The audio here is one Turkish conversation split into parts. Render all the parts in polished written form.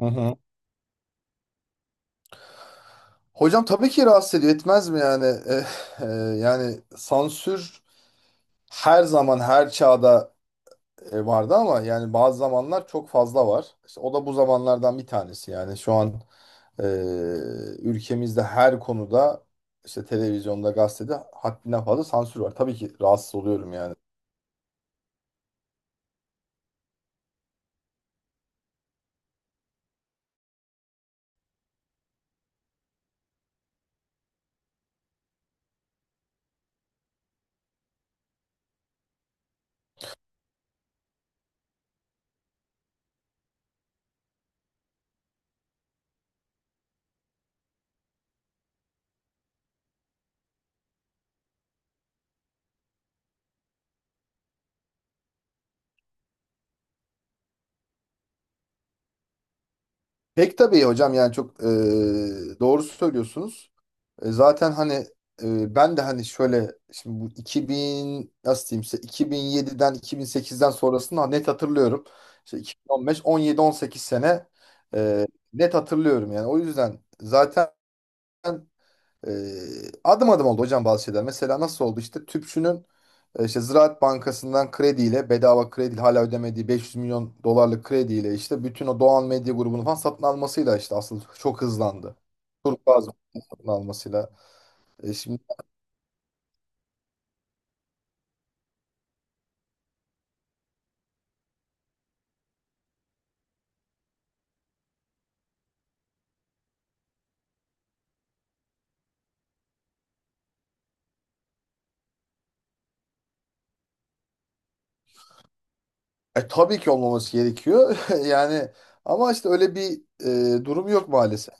Hı hı. Hocam tabii ki rahatsız ediyor. Etmez mi yani? Yani sansür her zaman her çağda vardı ama yani bazı zamanlar çok fazla var. İşte o da bu zamanlardan bir tanesi yani şu an e, ülkemizde her konuda işte televizyonda, gazetede haddinden fazla sansür var. Tabii ki rahatsız oluyorum yani. Pek tabii hocam yani çok doğru söylüyorsunuz. Zaten hani ben de hani şöyle şimdi bu 2000 nasıl diyeyim size, 2007'den 2008'den sonrasını net hatırlıyorum. İşte 2015, 17-18 sene e, net hatırlıyorum yani. O yüzden zaten e, adım adım oldu hocam bazı şeyler. Mesela nasıl oldu işte tüpçünün, İşte Ziraat Bankası'ndan krediyle bedava kredi hala ödemediği 500 milyon dolarlık krediyle işte bütün o Doğan Medya grubunu falan satın almasıyla işte asıl çok hızlandı. Turkuaz'ı satın almasıyla. Şimdi tabii ki olmaması gerekiyor yani, ama işte öyle bir durum yok maalesef.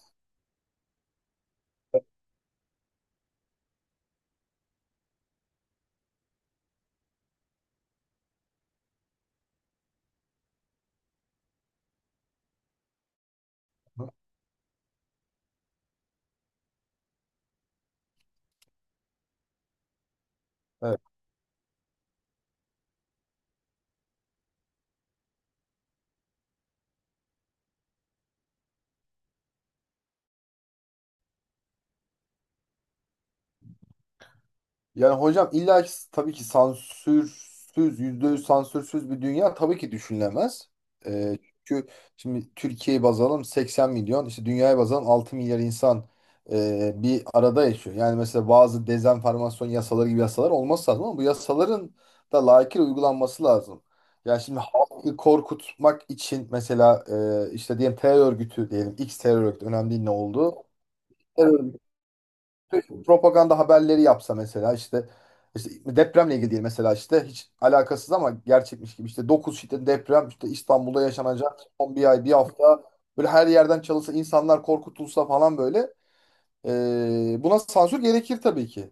Yani hocam illa ki tabii ki sansürsüz, %100 sansürsüz bir dünya tabii ki düşünülemez. Ee, çünkü şimdi Türkiye'yi baz alalım, 80 milyon, işte dünyaya baz alalım 6 milyar insan bir arada yaşıyor. Yani mesela bazı dezenformasyon yasaları gibi yasalar olması lazım ama bu yasaların da layıkıyla uygulanması lazım. Yani şimdi halkı korkutmak için mesela işte diyelim terör örgütü diyelim, X terör örgütü önemli değil, ne oldu, propaganda haberleri yapsa mesela, işte depremle ilgili değil mesela, işte hiç alakasız ama gerçekmiş gibi işte 9 şiddetli deprem işte İstanbul'da yaşanacak son bir ay bir hafta böyle her yerden çalınsa, insanlar korkutulsa falan böyle. Buna sansür gerekir tabii ki.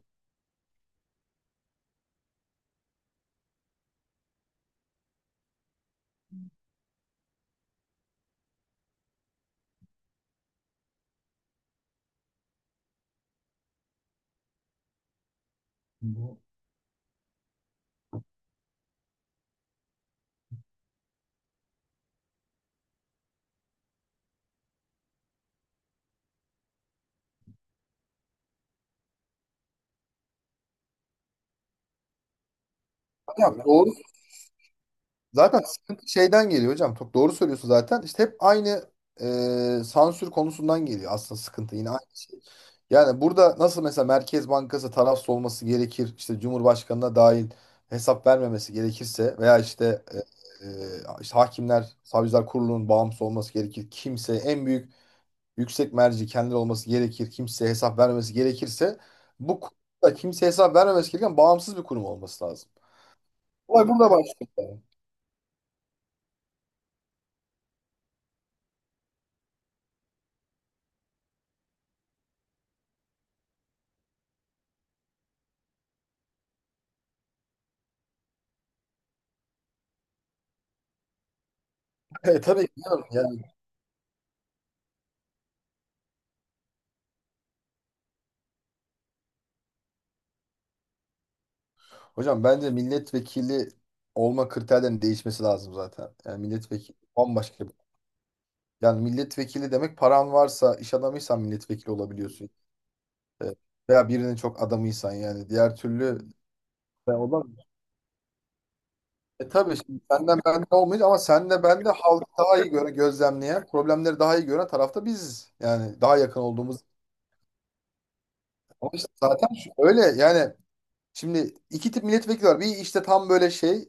Ya doğru. Zaten sıkıntı şeyden geliyor hocam. Çok doğru söylüyorsun zaten. İşte hep aynı sansür konusundan geliyor aslında, sıkıntı yine aynı. Yani burada nasıl mesela Merkez Bankası tarafsız olması gerekir, işte Cumhurbaşkanı'na dahil hesap vermemesi gerekirse veya işte, işte hakimler, savcılar kurulunun bağımsız olması gerekir. Kimse, en büyük yüksek merci kendileri olması gerekir. Kimseye hesap vermemesi gerekirse, bu kurumda kimseye hesap vermemesi gereken bağımsız bir kurum olması lazım. Olay burada başlıyor yani. Tabii ki canım. Yani, hocam bence milletvekili olma kriterlerinin değişmesi lazım zaten. Yani milletvekili bambaşka. Yani milletvekili demek, paran varsa, iş adamıysan milletvekili olabiliyorsun. E, veya birinin çok adamıysan yani. Diğer türlü ben olamam. E tabii şimdi senden bende olmayacak ama senle ben de halkı daha iyi gören, gözlemleyen, problemleri daha iyi gören tarafta biziz. Yani daha yakın olduğumuz. Ama işte zaten öyle yani. Şimdi iki tip milletvekili var. Bir, işte tam böyle şey,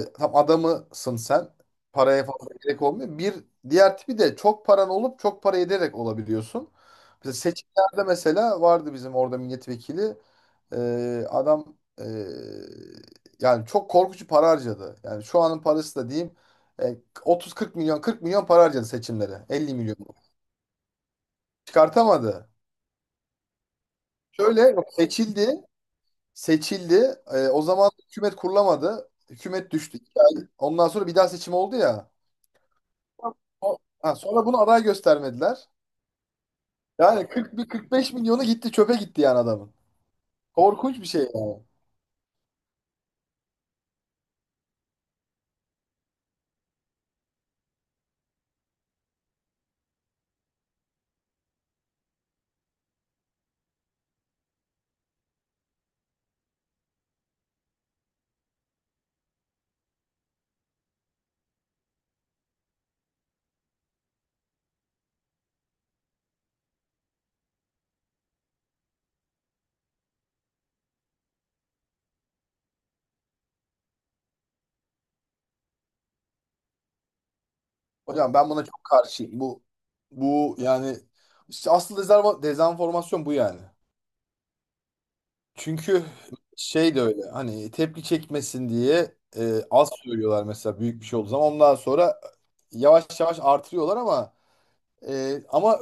tam adamısın sen. Paraya fazla gerek olmuyor. Bir diğer tipi de çok paran olup çok para ederek olabiliyorsun. Mesela seçimlerde mesela vardı bizim orada milletvekili. Adam yani çok korkunç para harcadı. Yani şu anın parası da diyeyim, e, 30-40 milyon, 40 milyon para harcadı seçimlere. 50 milyon. Çıkartamadı. Şöyle, yok, seçildi. Seçildi. O zaman hükümet kurulamadı. Hükümet düştü. Ondan sonra bir daha seçim oldu ya. Ha, sonra bunu aday göstermediler. Yani 40 45 milyonu gitti, çöpe gitti yani adamın. Korkunç bir şey yani. Hocam ben buna çok karşıyım. Bu yani işte asıl dezenformasyon bu yani. Çünkü şey de öyle, hani tepki çekmesin diye az söylüyorlar, mesela büyük bir şey olduğu zaman, ondan sonra yavaş yavaş artırıyorlar ama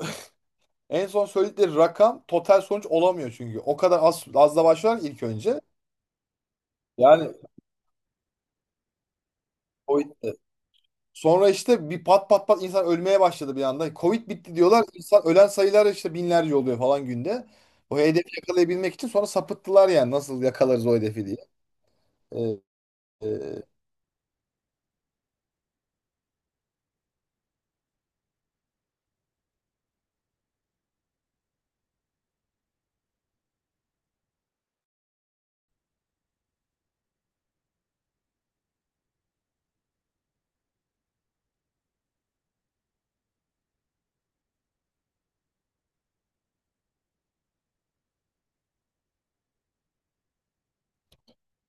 en son söyledikleri rakam total sonuç olamıyor çünkü. O kadar az azla başlar ilk önce. Yani Covid'de. Sonra işte bir pat pat pat insan ölmeye başladı bir anda. Covid bitti diyorlar. İnsan ölen sayılar işte binlerce oluyor falan günde. O hedefi yakalayabilmek için sonra sapıttılar, yani nasıl yakalarız o hedefi diye. Ee, e,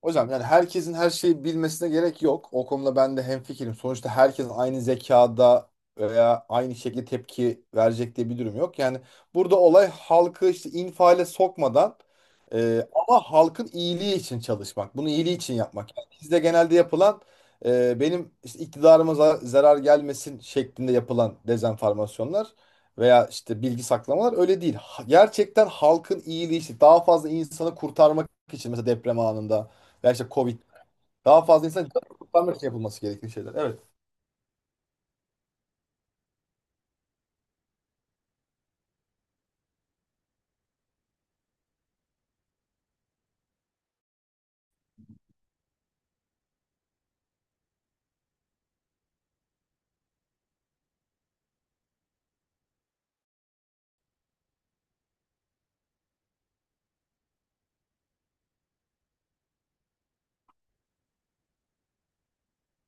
Hocam yani herkesin her şeyi bilmesine gerek yok. O konuda ben de hemfikirim. Sonuçta herkes aynı zekada veya aynı şekilde tepki verecek diye bir durum yok. Yani burada olay halkı işte infiale sokmadan, ama halkın iyiliği için çalışmak. Bunu iyiliği için yapmak. Yani bizde genelde yapılan, benim işte iktidarıma zarar gelmesin şeklinde yapılan dezenformasyonlar veya işte bilgi saklamalar öyle değil. Gerçekten halkın iyiliği için, daha fazla insanı kurtarmak için, mesela deprem anında, ya işte Covid. Daha fazla insan canını kurtarmak için yapılması gerektiği şeyler. Evet.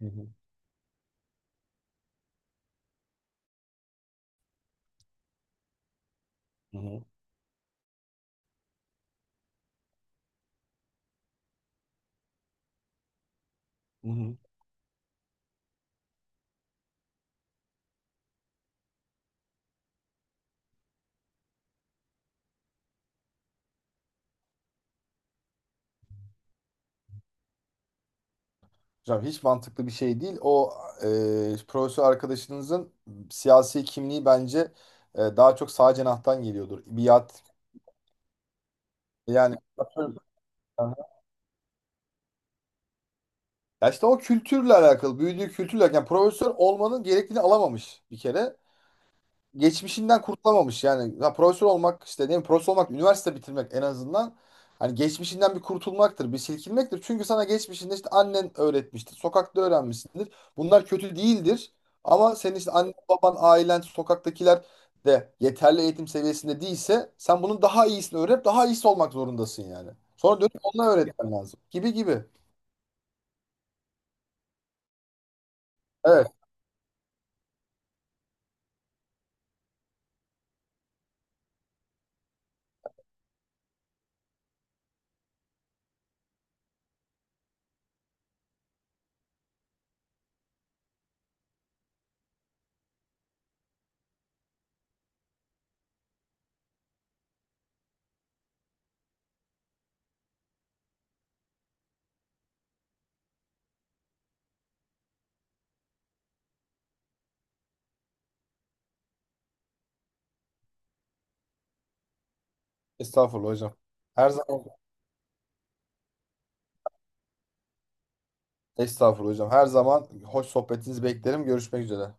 Hı hı, hı hı, hı hı. Hocam hiç mantıklı bir şey değil. O profesör arkadaşınızın siyasi kimliği bence daha çok sağ cenahtan geliyordur. Biat yani. Ya işte o kültürle alakalı, büyüdüğü kültürle, yani profesör olmanın gerekliliğini alamamış bir kere. Geçmişinden kurtulamamış yani. Ya profesör olmak işte, ne bileyim, profesör olmak, üniversite bitirmek en azından hani geçmişinden bir kurtulmaktır, bir silkinmektir. Çünkü sana geçmişinde işte annen öğretmiştir, sokakta öğrenmişsindir. Bunlar kötü değildir. Ama senin işte annen, baban, ailen, sokaktakiler de yeterli eğitim seviyesinde değilse sen bunun daha iyisini öğrenip daha iyisi olmak zorundasın yani. Sonra dönüp onunla öğretmen lazım. Gibi gibi. Evet. Estağfurullah hocam. Her zaman. Estağfurullah hocam. Her zaman hoş sohbetinizi beklerim. Görüşmek üzere.